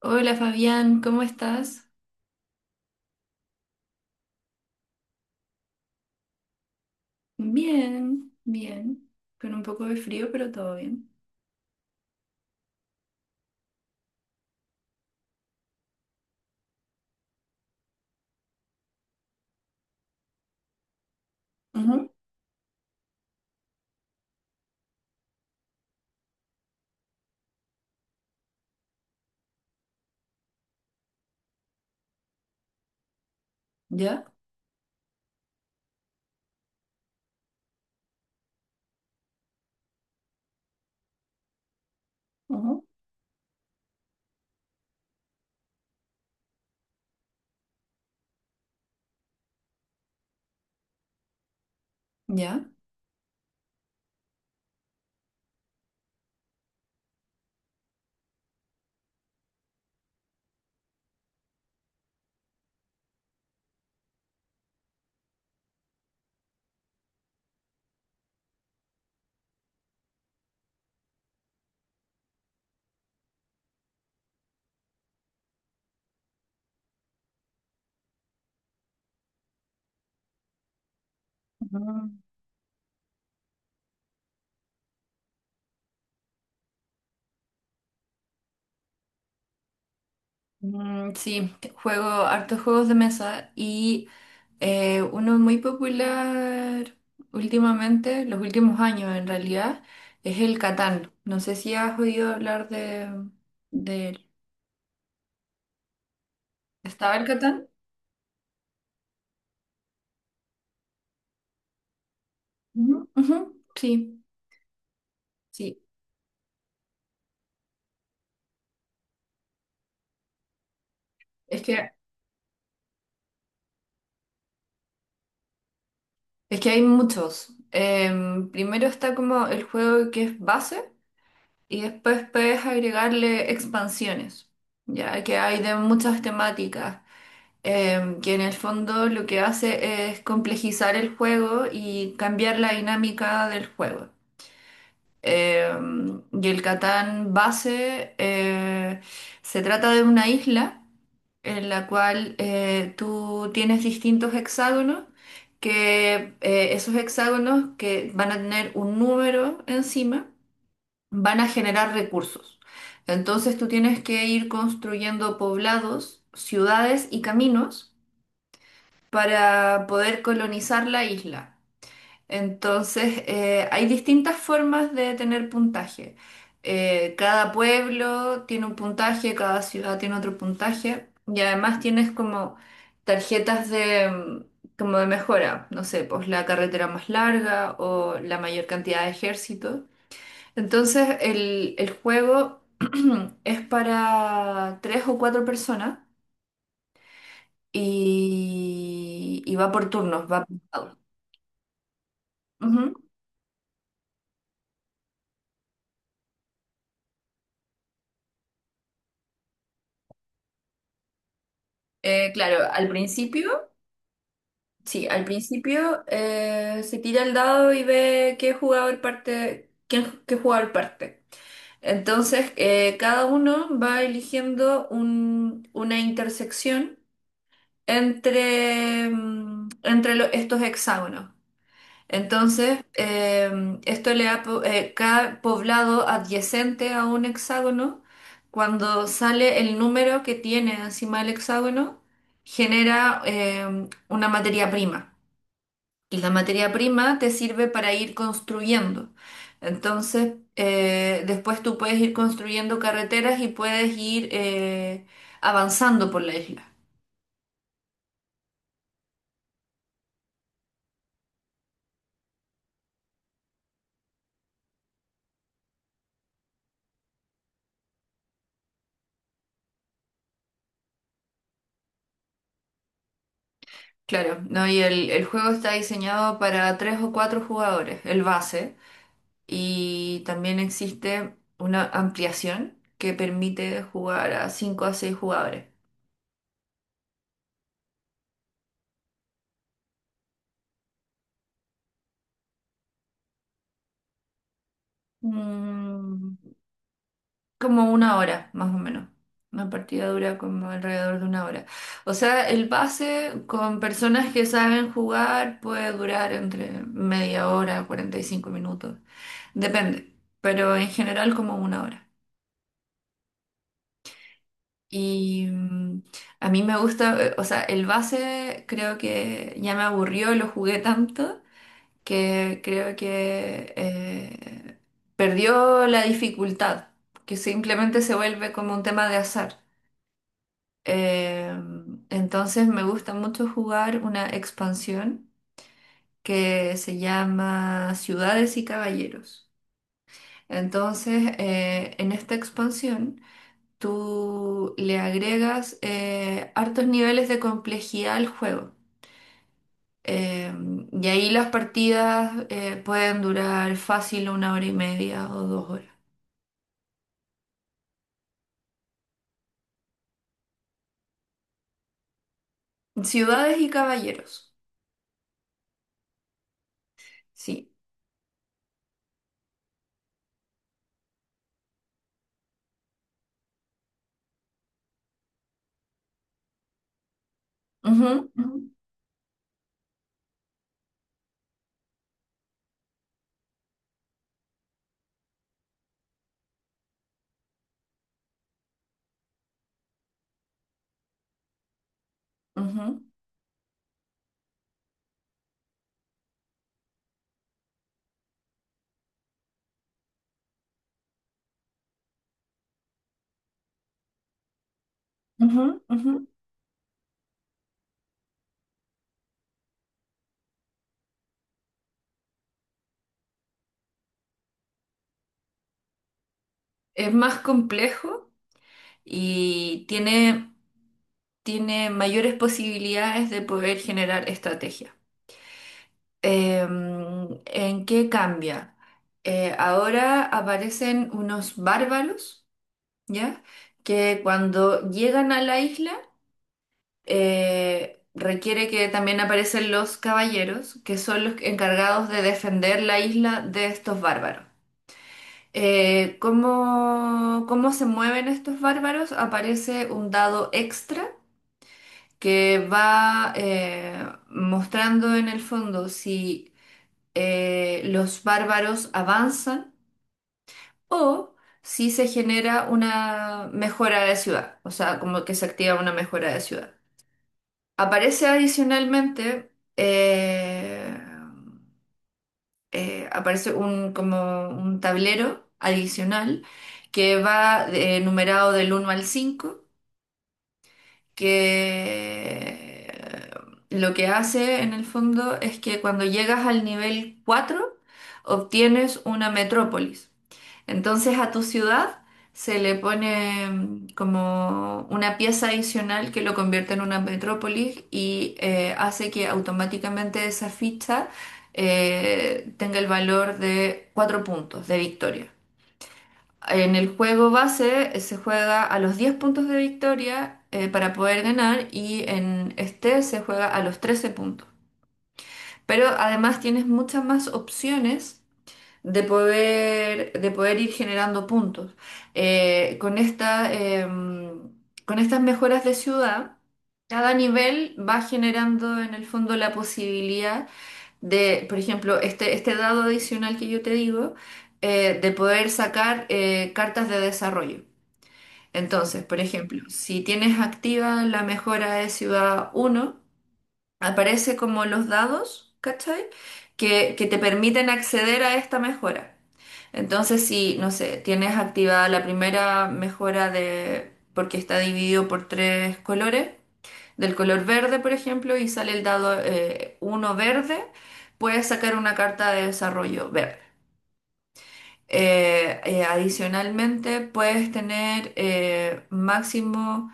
Hola Fabián, ¿cómo estás? Bien, bien, con un poco de frío, pero todo bien. Ujú. ¿Ya? Ujú. ¿Ya? Ujú. Mm, sí, juego hartos juegos de mesa y uno muy popular últimamente, los últimos años en realidad, es el Catán. No sé si has oído hablar de él. ¿Estaba el Catán? Ujú, ujú. Sí, sí. Es que Es que hay muchos. Primero está como el juego que es base y después puedes agregarle expansiones, ya que hay de muchas temáticas, que en el fondo lo que hace es complejizar el juego y cambiar la dinámica del juego. Y el Catán base se trata de una isla en la cual tú tienes distintos hexágonos, que esos hexágonos que van a tener un número encima, van a generar recursos. Entonces tú tienes que ir construyendo poblados, ciudades y caminos para poder colonizar la isla. Entonces, hay distintas formas de tener puntaje. Cada pueblo tiene un puntaje, cada ciudad tiene otro puntaje y además tienes como tarjetas como de mejora, no sé, pues la carretera más larga o la mayor cantidad de ejércitos. Entonces, el juego es para tres o cuatro personas y va por turnos, va por. Ujú. Claro, al principio. Sí, al principio se tira el dado y ve qué jugador parte, quién, qué jugador parte. Entonces, cada uno va eligiendo una intersección entre estos hexágonos. Entonces, esto le da, cada poblado adyacente a un hexágono, cuando sale el número que tiene encima del hexágono, genera una materia prima y la materia prima te sirve para ir construyendo. Entonces, después tú puedes ir construyendo carreteras y puedes ir avanzando por la isla. Claro, ¿no? Y el juego está diseñado para tres o cuatro jugadores, el base, y también existe una ampliación que permite jugar a cinco a seis jugadores. Mm. Como una hora, más o menos. Una partida dura como alrededor de una hora. O sea, el pase con personas que saben jugar puede durar entre media hora, 45 minutos. Depende, pero en general como una hora. Y a mí me gusta, o sea, el base creo que ya me aburrió, lo jugué tanto que creo que perdió la dificultad, que simplemente se vuelve como un tema de azar. Eh, entonces me gusta mucho jugar una expansión que se llama Ciudades y Caballeros. Entonces, en esta expansión, tú le agregas hartos niveles de complejidad al juego. Eh, y ahí las partidas pueden durar fácil una hora y media o dos horas. Ciudades y caballeros, sí. Ujú, ujú, ujú, ujú, ujú. Es más complejo y tiene mayores posibilidades de poder generar estrategia. ¿En qué cambia? Ahora aparecen unos bárbaros, ¿ya? Que cuando llegan a la isla, requiere que también aparecen los caballeros, que son los encargados de defender la isla de estos bárbaros. ¿Cómo se mueven estos bárbaros? Aparece un dado extra que va mostrando en el fondo si los bárbaros avanzan o si se genera una mejora de ciudad, o sea, como que se activa una mejora de ciudad. Aparece adicionalmente, aparece un, como un tablero adicional que va numerado del uno al cinco, que lo que hace en el fondo es que cuando llegas al nivel 4 obtienes una metrópolis. Entonces a tu ciudad se le pone como una pieza adicional que lo convierte en una metrópolis y hace que automáticamente esa ficha tenga el valor de 4 puntos de victoria. En el juego base se juega a los 10 puntos de victoria para poder ganar y en este se juega a los 13 puntos. Pero además tienes muchas más opciones de poder ir generando puntos. Eh, con esta, em, con estas mejoras de ciudad, cada nivel va generando en el fondo la posibilidad de, por ejemplo, este dado adicional que yo te digo, de poder sacar cartas de desarrollo. Entonces, por ejemplo, si tienes activa la mejora de ciudad uno, aparece como los dados, ¿cachai? Que te permiten acceder a esta mejora. Entonces, si, no sé, tienes activada la primera mejora de, porque está dividido por tres colores, del color verde, por ejemplo, y sale el dado uno verde, puedes sacar una carta de desarrollo verde. Adicionalmente, puedes tener máximo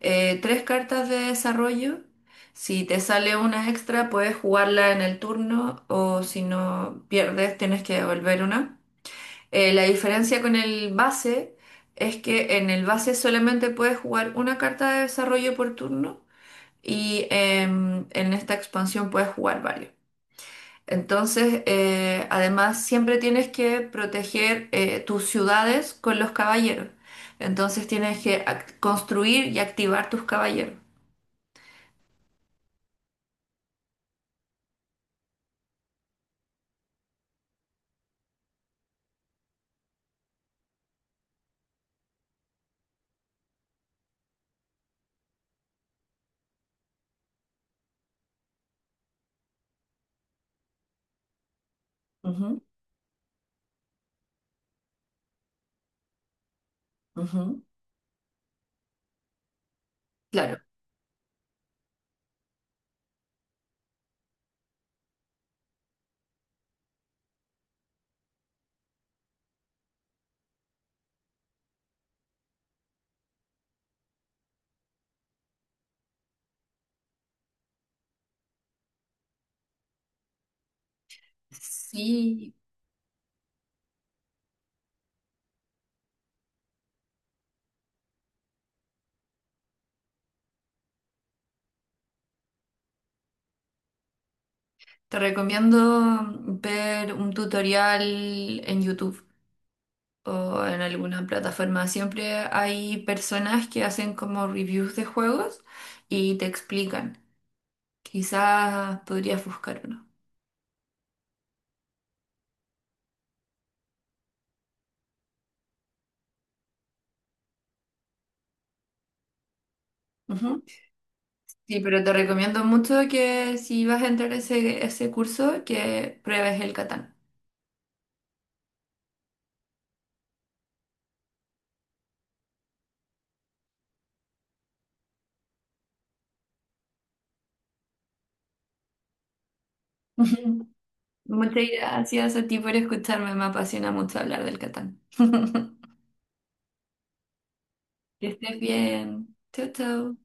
tres cartas de desarrollo. Si te sale una extra, puedes jugarla en el turno o si no pierdes, tienes que devolver una. La diferencia con el base es que en el base solamente puedes jugar una carta de desarrollo por turno y en esta expansión puedes jugar varios. Entonces, además, siempre tienes que proteger tus ciudades con los caballeros. Entonces, tienes que construir y activar tus caballeros. Ujú, ujú. Claro. Sí. Te recomiendo ver un tutorial en YouTube o en alguna plataforma. Siempre hay personas que hacen como reviews de juegos y te explican. Quizás podrías buscar uno. Sí, pero te recomiendo mucho que si vas a entrar a ese curso, que pruebes el Catán. Muchas gracias a ti por escucharme, me apasiona mucho hablar del Catán. Que estés bien. Chau, chau.